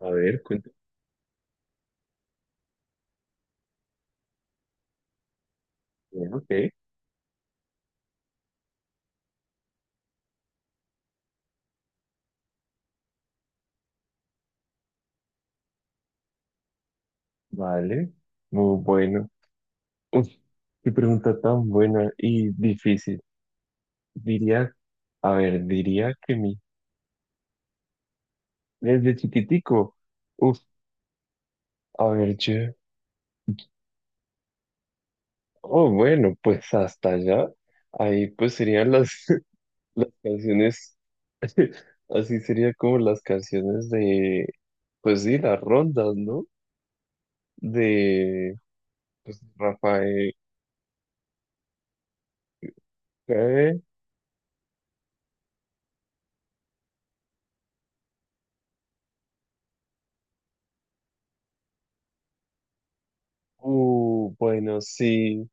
A ver, cuéntame. Ok, vale. Muy bueno. Uf, qué pregunta tan buena y difícil. Diría, a ver, diría que mi, desde chiquitico. Uf, a ver, yo. Oh, bueno, pues hasta allá. Ahí pues serían las, las canciones, así sería como las canciones de, pues sí, las rondas, ¿no? De, pues, Rafael. ¿Qué? Bueno, sí.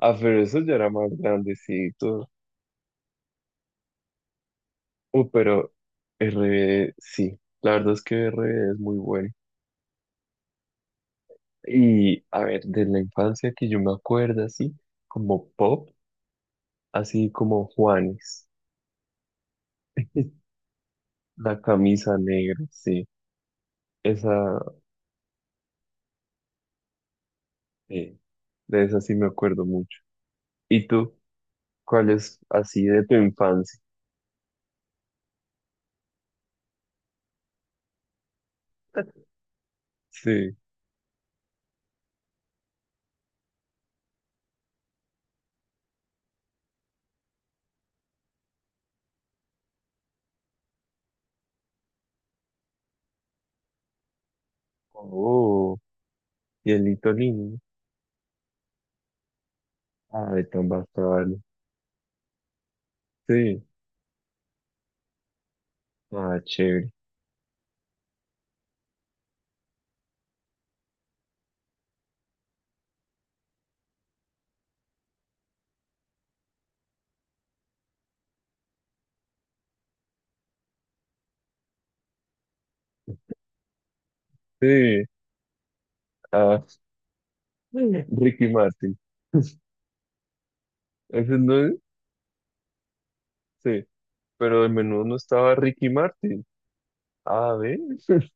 Ah, pero eso ya era más grandecito. Pero RBD, sí, la verdad es que RBD es muy bueno. Y a ver, de la infancia que yo me acuerdo así, como pop, así como Juanes, la camisa negra, sí, esa, sí, de esa sí me acuerdo mucho. ¿Y tú? ¿Cuál es así de tu infancia? Sí. Oh, hielito lindo. Ah, de tan bastante. Sí. Ah, chévere. Sí. Ah, Ricky Martin. Ese no es, sí, pero el menú no estaba Ricky Martin. A ver,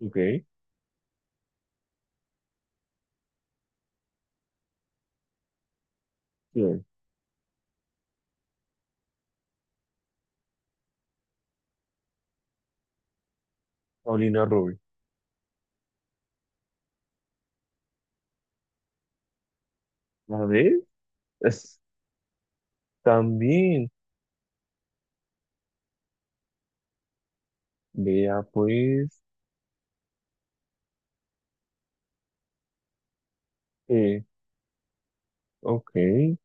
ok, bien. Paulina Rubio. A ver, es- también, vea pues, eh, ok,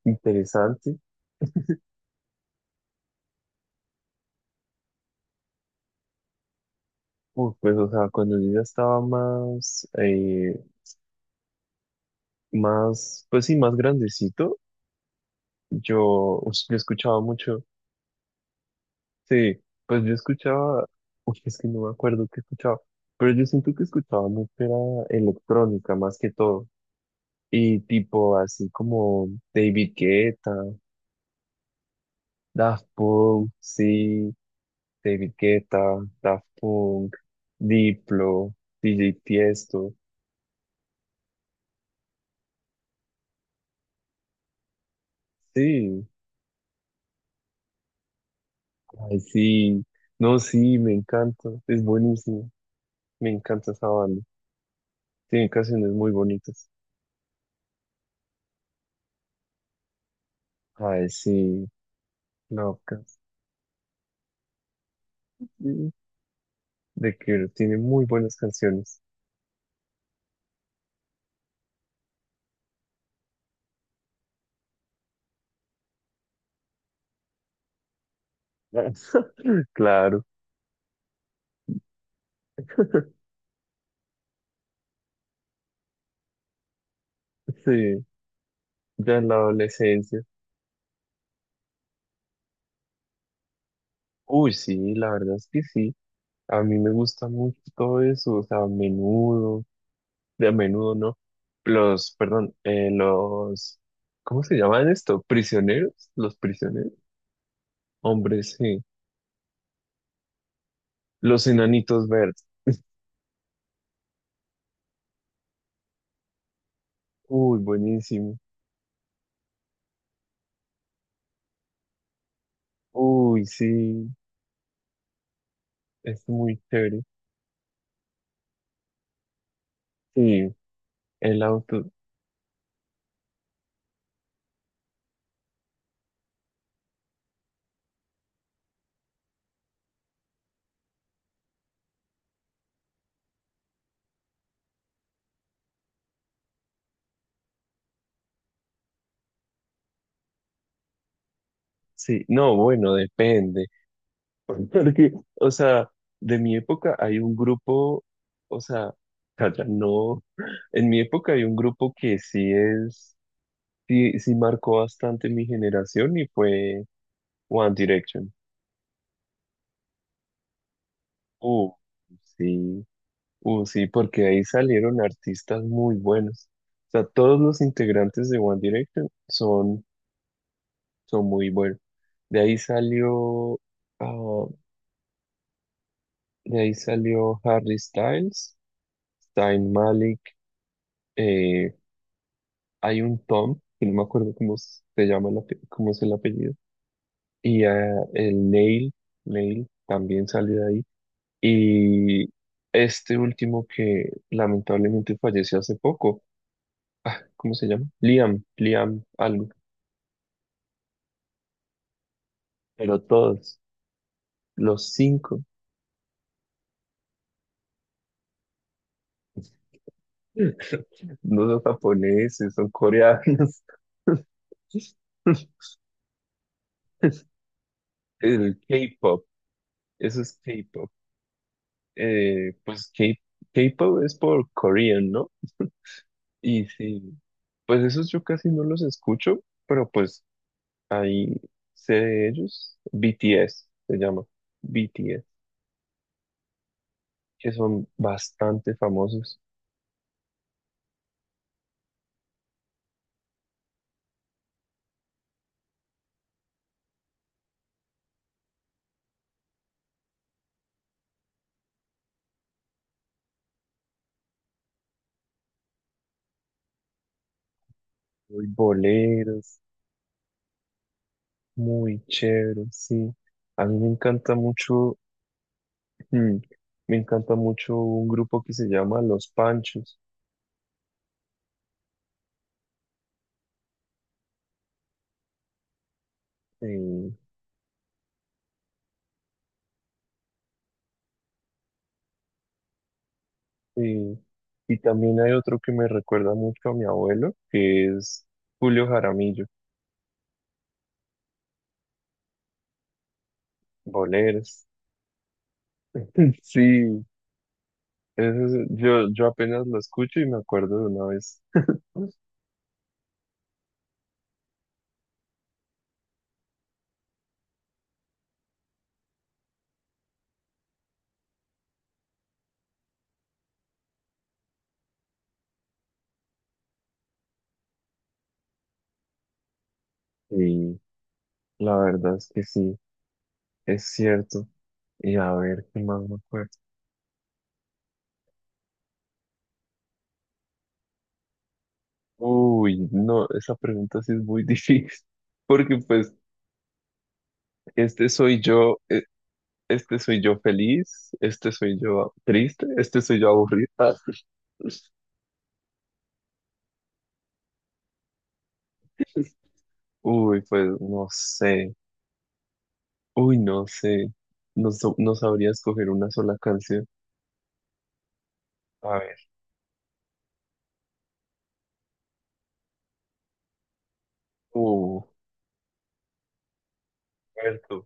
interesante. Uf, pues, o sea, cuando yo ya estaba más, pues sí, más grandecito, pues, yo escuchaba mucho, sí, pues yo escuchaba, uy, es que no me acuerdo qué escuchaba, pero yo siento que escuchaba mucho era electrónica más que todo. Y tipo así como David Guetta, Daft Punk, sí, David Guetta, Daft Punk, Diplo, DJ Tiesto, sí, ay sí, no, sí, me encanta, es buenísimo, me encanta esa banda, tiene canciones muy bonitas, ay sí, Lovecats, sí, The Cure tiene muy buenas canciones, claro, sí, ya en la adolescencia, uy sí, la verdad es que sí. A mí me gusta mucho todo eso, o sea, a menudo, de a menudo, ¿no? Los, perdón, los, ¿cómo se llaman esto? ¿Prisioneros? ¿Los prisioneros? Hombres, sí. Los enanitos verdes. Uy, buenísimo. Uy, sí, es muy chévere. Sí, el auto, sí. No, bueno, depende. Porque, o sea, de mi época hay un grupo, o sea, calla, no. En mi época hay un grupo que sí es. Sí, sí marcó bastante mi generación y fue One Direction. Uh, sí, sí, porque ahí salieron artistas muy buenos. O sea, todos los integrantes de One Direction son, muy buenos. De ahí salió, ah, de ahí salió Harry Styles, Zayn Malik, eh, hay un Tom, que no me acuerdo cómo se llama, cómo es el apellido, y ah, el Neil también salió de ahí. Y este último que lamentablemente falleció hace poco, ah, ¿cómo se llama? Liam algo, pero todos, los cinco, no son japoneses, son coreanos. El K-pop, eso es K-pop. Pues K-pop es por Korean, ¿no? Y sí, pues esos yo casi no los escucho, pero pues ahí sé de ellos. BTS se llama, BTS. Que son bastante famosos, muy boleros, muy chéveres, sí. A mí me encanta mucho, mm, me encanta mucho un grupo que se llama Los Panchos. eh, eh, y también hay otro que me recuerda mucho a mi abuelo, que es Julio Jaramillo, boleros. Sí, yo apenas lo escucho y me acuerdo de una vez. Y la verdad es que sí, es cierto. Y a ver, ¿qué más me acuerdo? Uy, no, esa pregunta sí es muy difícil, porque pues este soy yo, este soy yo feliz, este soy yo triste, este soy yo aburrido. Ah, uy, pues no sé, uy, no sé, no, no sabría escoger una sola canción. A ver, uh, Alberto.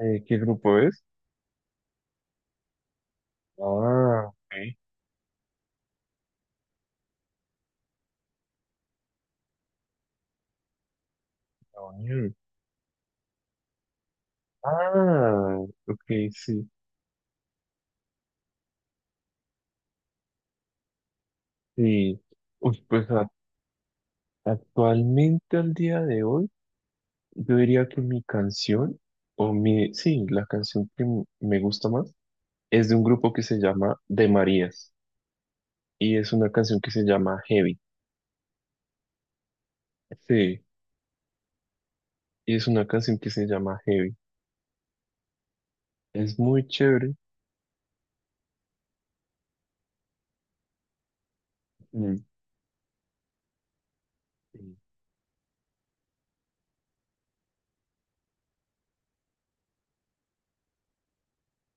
¿Qué grupo es? Ah, ok, Junior. Ah, ok, sí, sí. Uy, pues actualmente al día de hoy. Yo diría que mi canción, o mi, sí, la canción que me gusta más, es de un grupo que se llama De Marías. Y es una canción que se llama Heavy. Sí, y es una canción que se llama Heavy. Es muy chévere. Mm. Y,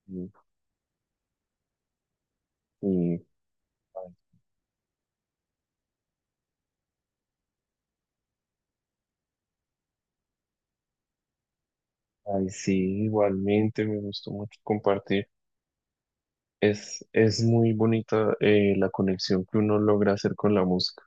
y- y, ay, sí, igualmente me gustó mucho compartir. Es muy bonita, la conexión que uno logra hacer con la música.